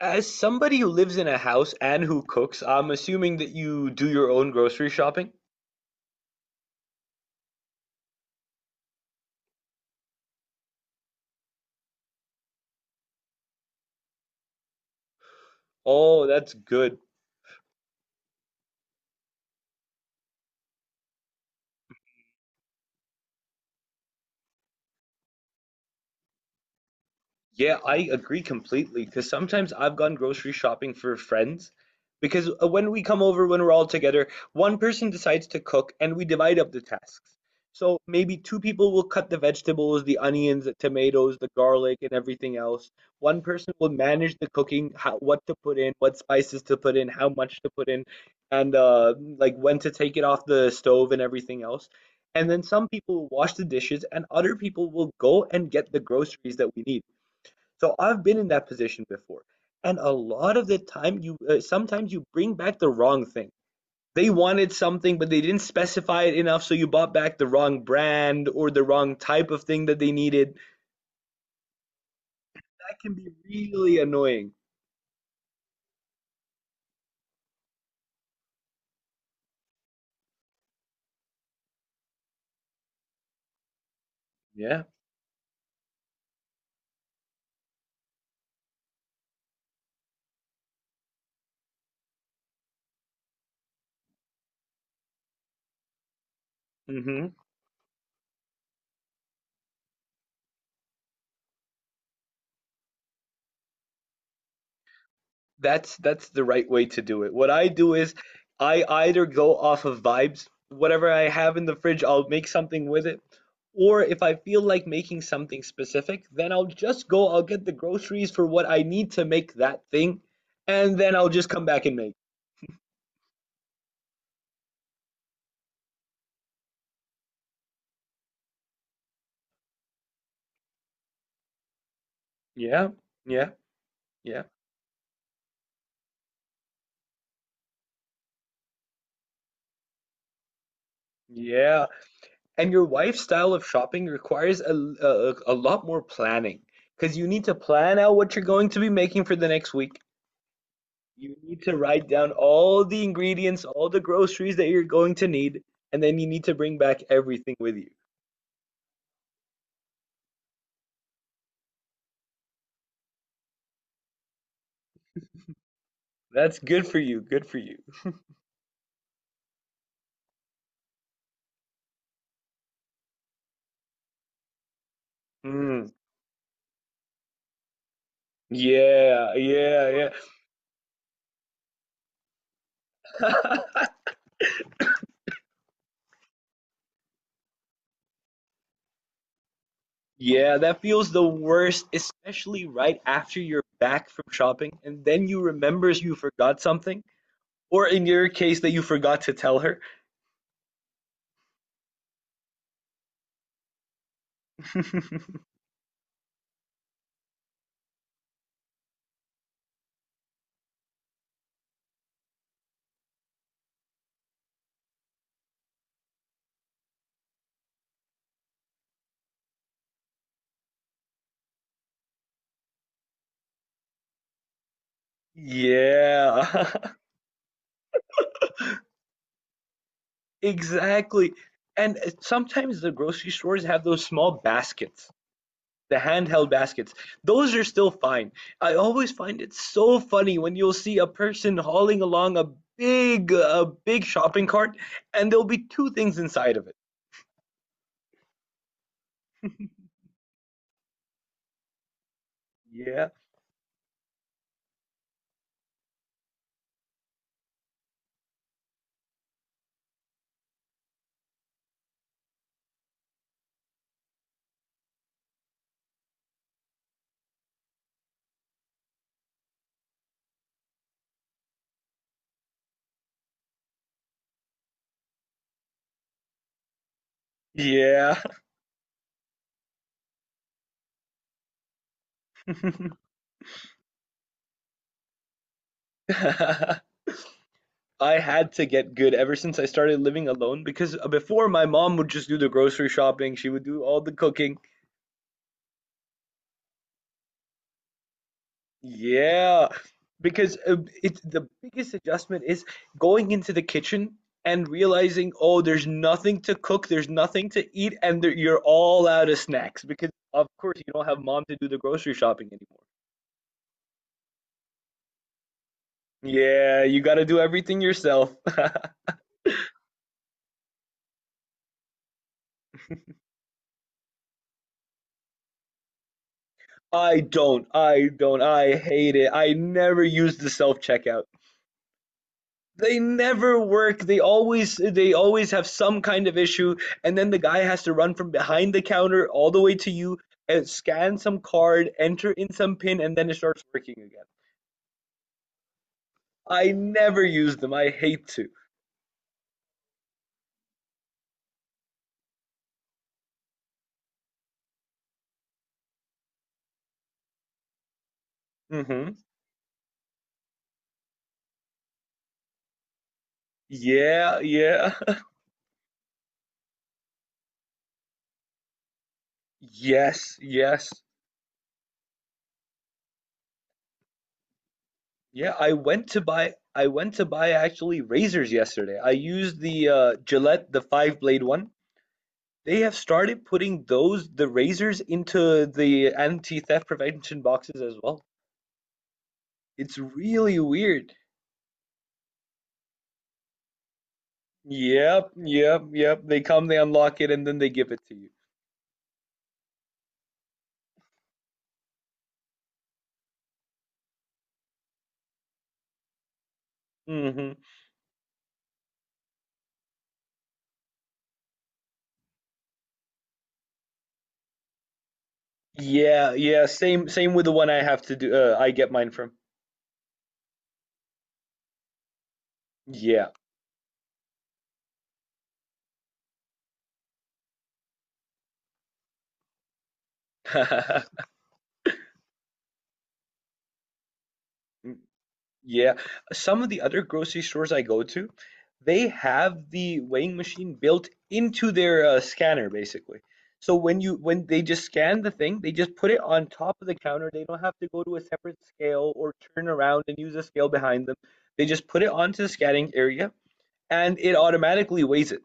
As somebody who lives in a house and who cooks, I'm assuming that you do your own grocery shopping? Oh, that's good. Yeah, I agree completely because sometimes I've gone grocery shopping for friends because when we come over, when we're all together, one person decides to cook and we divide up the tasks. So maybe two people will cut the vegetables, the onions, the tomatoes, the garlic, and everything else. One person will manage the cooking, how, what to put in, what spices to put in, how much to put in, and like when to take it off the stove and everything else. And then some people will wash the dishes, and other people will go and get the groceries that we need. So I've been in that position before. And a lot of the time, you sometimes you bring back the wrong thing. They wanted something, but they didn't specify it enough, so you bought back the wrong brand or the wrong type of thing that they needed. That can be really annoying. Yeah. Hmm. That's the right way to do it. What I do is I either go off of vibes, whatever I have in the fridge, I'll make something with it. Or if I feel like making something specific, then I'll get the groceries for what I need to make that thing, and then I'll just come back and make. Yeah, yeah, yeah, yeah. And your wife's style of shopping requires a lot more planning because you need to plan out what you're going to be making for the next week. You need to write down all the ingredients, all the groceries that you're going to need, and then you need to bring back everything with you. That's good for you. Good for you. Mm, yeah, yeah, yeah. Yeah, that feels the worst, especially right after you're back from shopping and then you remember you forgot something, or in your case, that you forgot to tell her. Yeah, exactly. And sometimes the grocery stores have those small baskets. The handheld baskets, those are still fine. I always find it so funny when you'll see a person hauling along a big shopping cart, and there'll be two things inside of it. Yeah, yeah. I had to get good ever since I started living alone because before, my mom would just do the grocery shopping, she would do all the cooking. Yeah, because it's the biggest adjustment is going into the kitchen and realizing, oh, there's nothing to cook, there's nothing to eat, and there, you're all out of snacks because, of course, you don't have mom to do the grocery shopping anymore. Yeah, you got to do everything yourself. I hate it. I never use the self-checkout. They never work. They always have some kind of issue, and then the guy has to run from behind the counter all the way to you and scan some card, enter in some pin, and then it starts working again. I never use them. I hate to. Mm hmm Yeah, yeah. Yes, yes. Yeah, I went to buy actually razors yesterday. I used the Gillette, the five blade one. They have started putting those the razors into the anti-theft prevention boxes as well. It's really weird. Yep, yep, yep. They come, they unlock it, and then they give it to you. Hmm. Yeah, yeah. Same, same with the one I have to do. I get mine from. Yeah. Yeah, some of the other grocery stores I go to, they have the weighing machine built into their scanner basically. So when they just scan the thing, they just put it on top of the counter. They don't have to go to a separate scale or turn around and use a scale behind them. They just put it onto the scanning area and it automatically weighs it.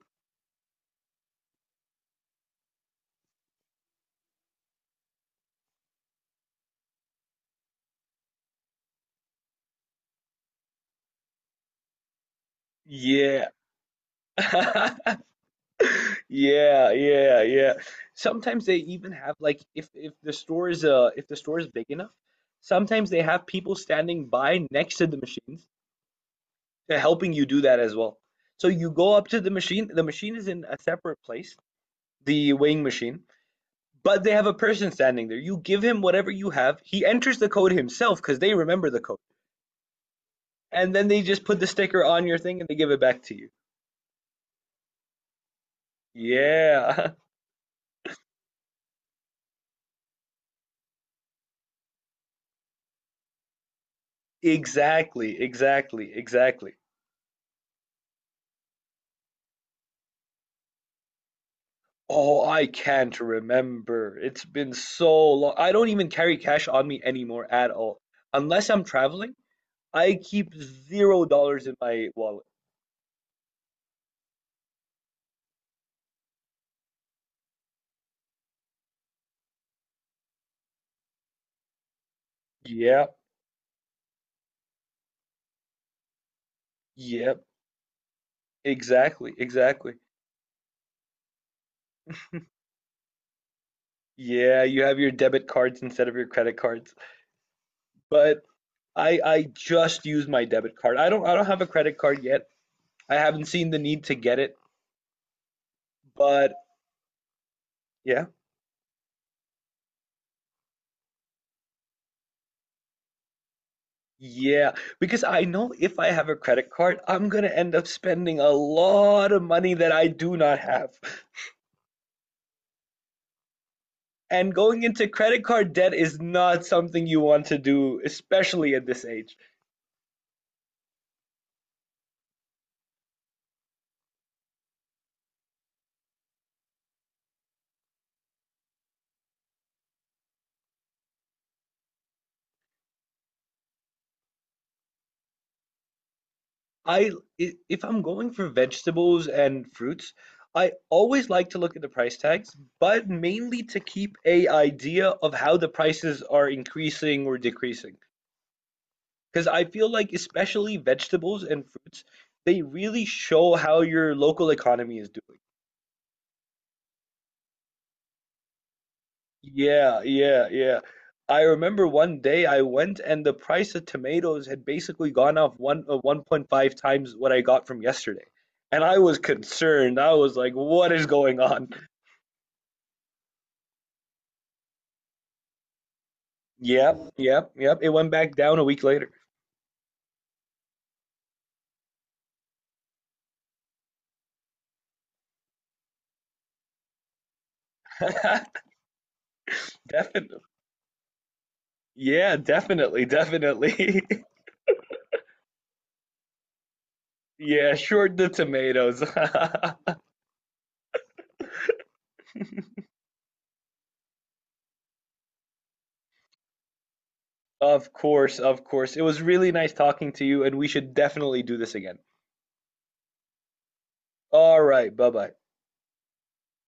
Yeah. Yeah, yeah, yeah. Sometimes they even have, like, if the store is if the store is big enough, sometimes they have people standing by next to the machines to helping you do that as well. So you go up to the machine is in a separate place, the weighing machine, but they have a person standing there. You give him whatever you have, he enters the code himself because they remember the code. And then they just put the sticker on your thing and they give it back to you. Yeah. Exactly, exactly, exactly. Oh, I can't remember. It's been so long. I don't even carry cash on me anymore at all. Unless I'm traveling, I keep $0 in my wallet. Yeah, yeah, exactly, exactly. Yeah, you have your debit cards instead of your credit cards. But I just use my debit card. I don't have a credit card yet. I haven't seen the need to get it, but yeah. Yeah, because I know if I have a credit card, I'm gonna end up spending a lot of money that I do not have. And going into credit card debt is not something you want to do, especially at this age. I, if I'm going for vegetables and fruits, I always like to look at the price tags, but mainly to keep a idea of how the prices are increasing or decreasing. Because I feel like, especially vegetables and fruits, they really show how your local economy is doing. Yeah, yeah, yeah. I remember one day I went and the price of tomatoes had basically gone off one 1.5 times what I got from yesterday. And I was concerned. I was like, what is going on? Yep, yep, yep. It went back down a week later. Definitely. Yeah, definitely, definitely. Yeah, short the tomatoes. Of course, of course. It was really nice talking to you, and we should definitely do this again. All right, bye bye.